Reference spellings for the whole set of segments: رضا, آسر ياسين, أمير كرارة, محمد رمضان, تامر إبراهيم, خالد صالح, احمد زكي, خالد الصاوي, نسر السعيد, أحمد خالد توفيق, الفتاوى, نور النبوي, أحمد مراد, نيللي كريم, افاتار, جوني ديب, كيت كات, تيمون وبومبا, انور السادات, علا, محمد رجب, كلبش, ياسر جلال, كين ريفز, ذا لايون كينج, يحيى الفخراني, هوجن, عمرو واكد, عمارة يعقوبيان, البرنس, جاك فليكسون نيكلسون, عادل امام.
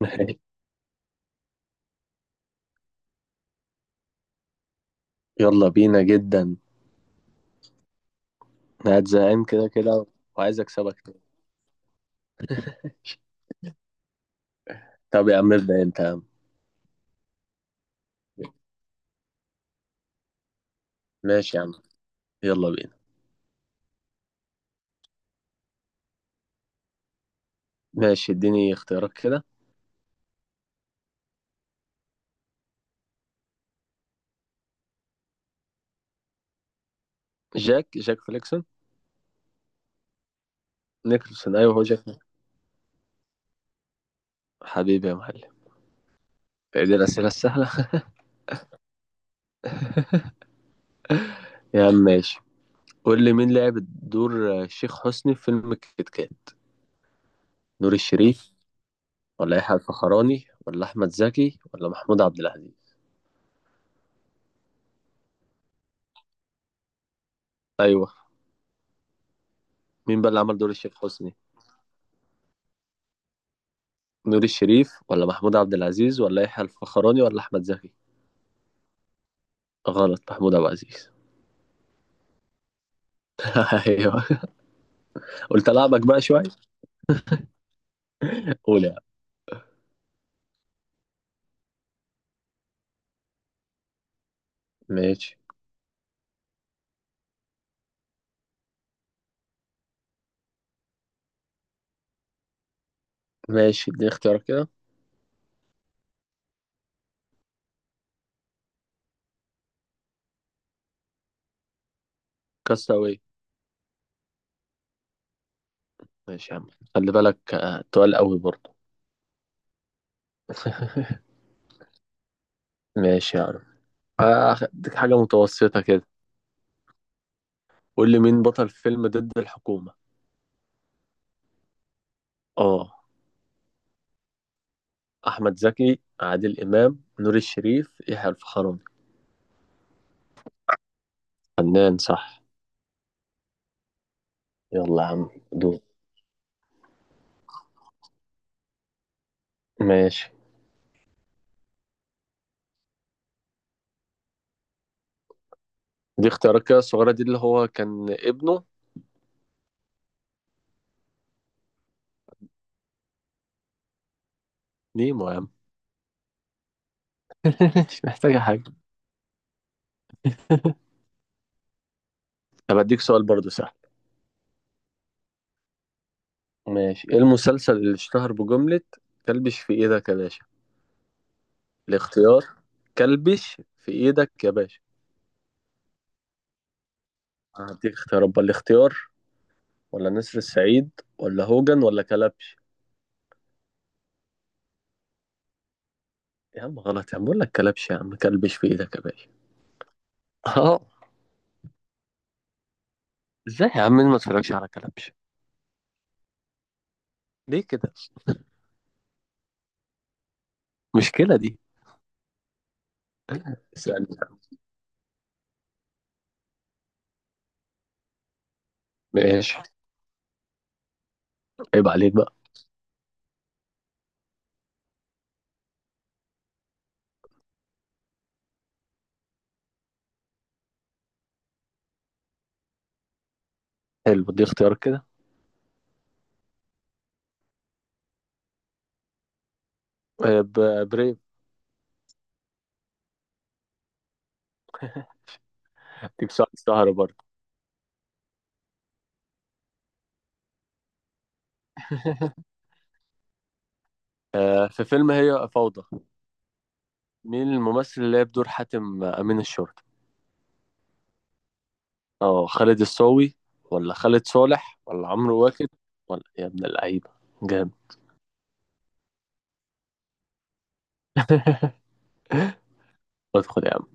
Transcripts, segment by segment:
يلا بينا جدا. انا قاعد زهقان كده كده وعايز اكسبك تاني. طب يا عم ابدا انت يا عم. ماشي يا عم. يلا بينا. ماشي، اديني اختيارات كده. جاك فليكسون. نيكلسون، ايوه هو جاك. حبيبي يا معلم. إيه دي الاسئله السهله؟ يا عم ماشي. قول لي مين لعب دور الشيخ حسني في فيلم كيت كات؟ نور الشريف ولا يحيى الفخراني ولا احمد زكي ولا محمود عبد العزيز؟ ايوه. مين بقى اللي عمل دور الشيخ حسني؟ نور الشريف ولا محمود عبد العزيز ولا يحيى الفخراني ولا احمد زكي؟ غلط، محمود عبد العزيز. ايوه. قلت العبك بقى شويه. قول يا عم. ماشي ماشي، اديني اختيارك كده. كاستاوي. ماشي يا عم، خلي بالك تقال قوي برضه. ماشي يا عم. هديك حاجه متوسطه كده. قول لي مين بطل فيلم ضد الحكومه؟ اه، احمد زكي، عادل امام، نور الشريف، يحيى الفخراني. فنان صح. يلا يا عم دور. ماشي، دي اختيارك كده الصغيره دي اللي هو كان ابنه. نيمو يا عم. مش محتاجه حاجه. طب اديك سؤال برضه سهل. ماشي، ايه المسلسل اللي اشتهر بجملة كلبش في ايدك يا باشا؟ الاختيار: كلبش في ايدك يا باشا. هديك اختيارات بقى: الاختيار ولا نسر السعيد ولا هوجن ولا كلبش؟ يا عم غلط، يا عم بقول لك كلبش، يا عم كلبش في ايدك يا باشا. اه. ازاي يا عم؟ مين ما اتفرجش على كلبش؟ ليه كده؟ مشكلة دي. اسألني بقى. ماشي. عيب عليك بقى. حلو، دي اختيار كده. بريف. هديك ساعة سهرة برضه. في فيلم هي فوضى، مين الممثل اللي لعب دور حاتم أمين الشرطة؟ اه، خالد الصاوي ولا خالد صالح ولا عمرو واكد؟ ولا يا ابن اللعيبة، جامد. ادخل يا عم.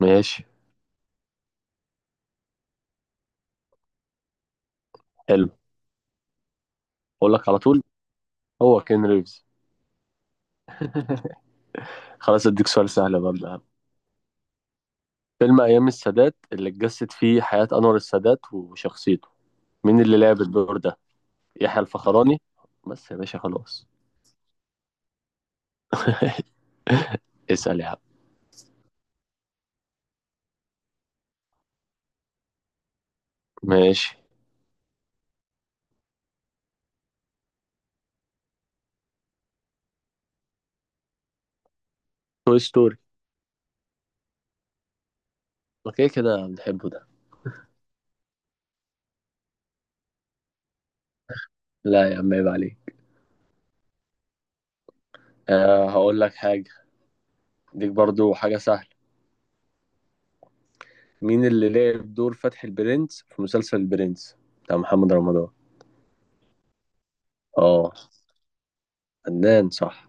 ماشي. حلو. اقول لك على طول، هو كين ريفز. خلاص اديك سؤال سهل بقى من الأهم. فيلم ايام السادات اللي اتجسد فيه حياة انور السادات وشخصيته، مين اللي لعب الدور ده؟ يحيى الفخراني، بس يا باشا خلاص. اسأل يا عم. ماشي. توي ستوري. اوكي، كده بنحبه ده. لا يا عم عيب عليك. هقول لك حاجة. ديك برضو حاجة سهلة. مين اللي لعب دور فتحي البرنس في مسلسل البرنس بتاع محمد رمضان؟ اه، فنان صح.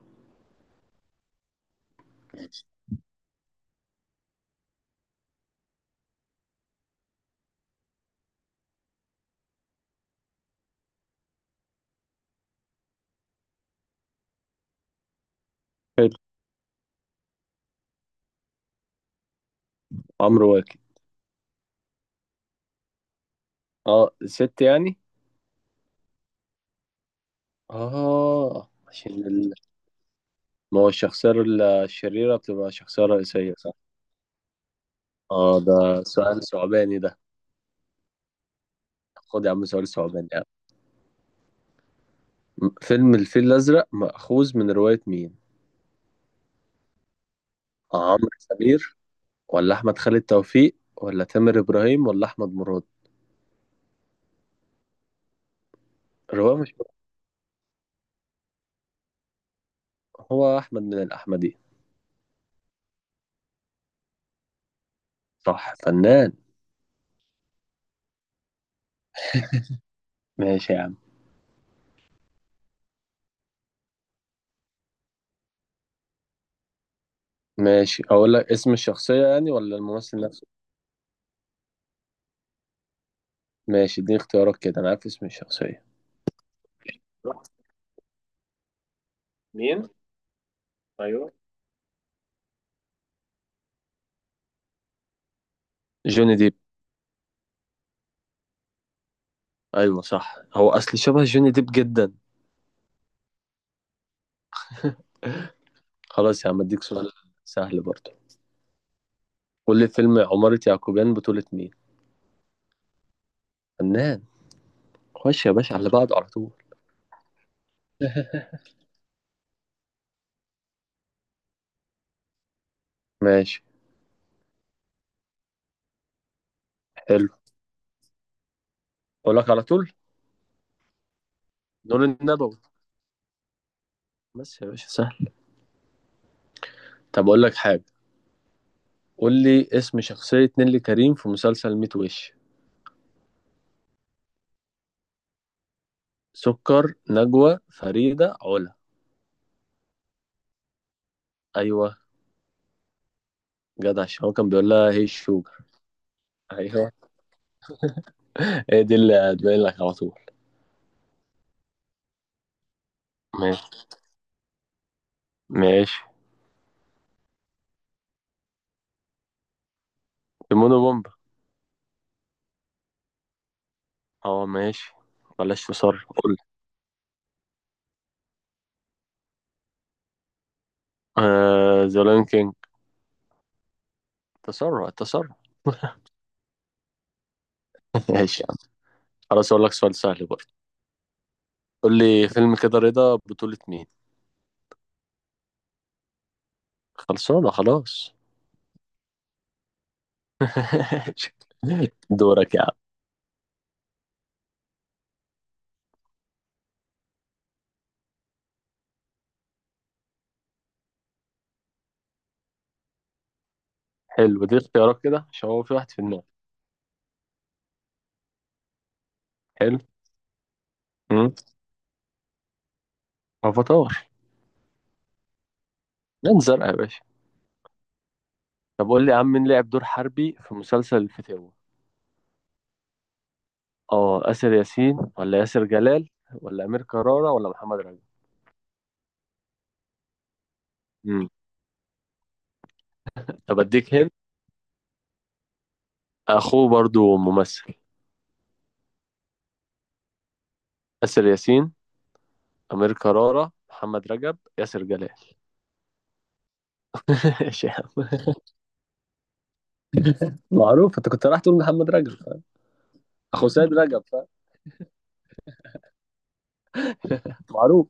حلو. عمرو واكد. اه، ست يعني. اه، ما هو الشخصية الشريرة بتبقى شخصية رئيسية، صح؟ اه، ده سؤال ثعباني ده. خد يا عم سؤال ثعباني يعني. فيلم الفيل الأزرق مأخوذ من رواية مين؟ عمرو سمير ولا أحمد خالد توفيق ولا تامر إبراهيم ولا أحمد مراد؟ الرواية مش، هو أحمد من الأحمدي؟ صح، فنان. ماشي يا عم. ماشي، اقول لك اسم الشخصية يعني ولا الممثل نفسه؟ ماشي اديني اختيارات كده، انا عارف اسم الشخصية. مين؟ ايوه. جوني ديب. ايوه صح، هو اصل شبه جوني ديب جدا. خلاص يا عم اديك سؤال سهل برضه. قول لي فيلم عمارة يعقوبيان بطولة مين؟ فنان. خش يا باشا على بعض على طول. ماشي. حلو، اقول لك على طول. نور النبوي، بس يا باشا سهل. طب اقول لك حاجة، قول لي اسم شخصية نيللي كريم في مسلسل ميت وش؟ سكر، نجوى، فريدة، علا. ايوه. جدع، عشان هو كان بيقول لها هي الشوجر. ايوه. هي دي اللي هتبين لك على طول. ماشي ماشي. تيمون وبومبا. اه ماشي، بلاش تسرع. قول. آه ذا لايون كينج. تسرع تسرع. ماشي يا عم. خلاص اقول لك سؤال سهل برضه. قول لي فيلم كده رضا بطولة مين؟ خلصانة خلاص. دورك يا عم. حلو، دي اختيارات كده عشان هو في واحد في النار. حلو. امم. افاتار. لان زرقاء يا باشا. طب قول لي يا عم مين لعب دور حربي في مسلسل الفتاوى؟ اه، آسر ياسين ولا ياسر جلال ولا أمير كرارة ولا محمد رجب؟ امم. طب اديك هنا، اخوه برضو ممثل. آسر ياسين، أمير كرارة، محمد رجب، ياسر جلال. ايش يا عم؟ معروف. انت كنت رايح تقول محمد رجب، فاهم؟ اخو سيد رجب، فاهم؟ معروف.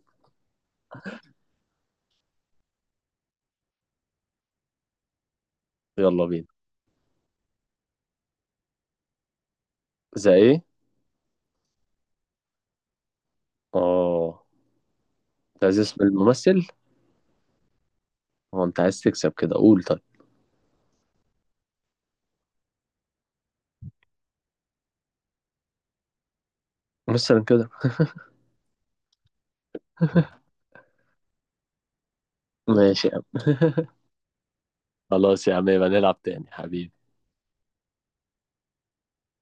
يلا بينا. زي ايه؟ اه. انت عايز اسم الممثل؟ هو انت عايز تكسب كده؟ قول طيب. مثلا كده. ماشي يا عم. خلاص يا عم، يبقى نلعب تاني حبيبي.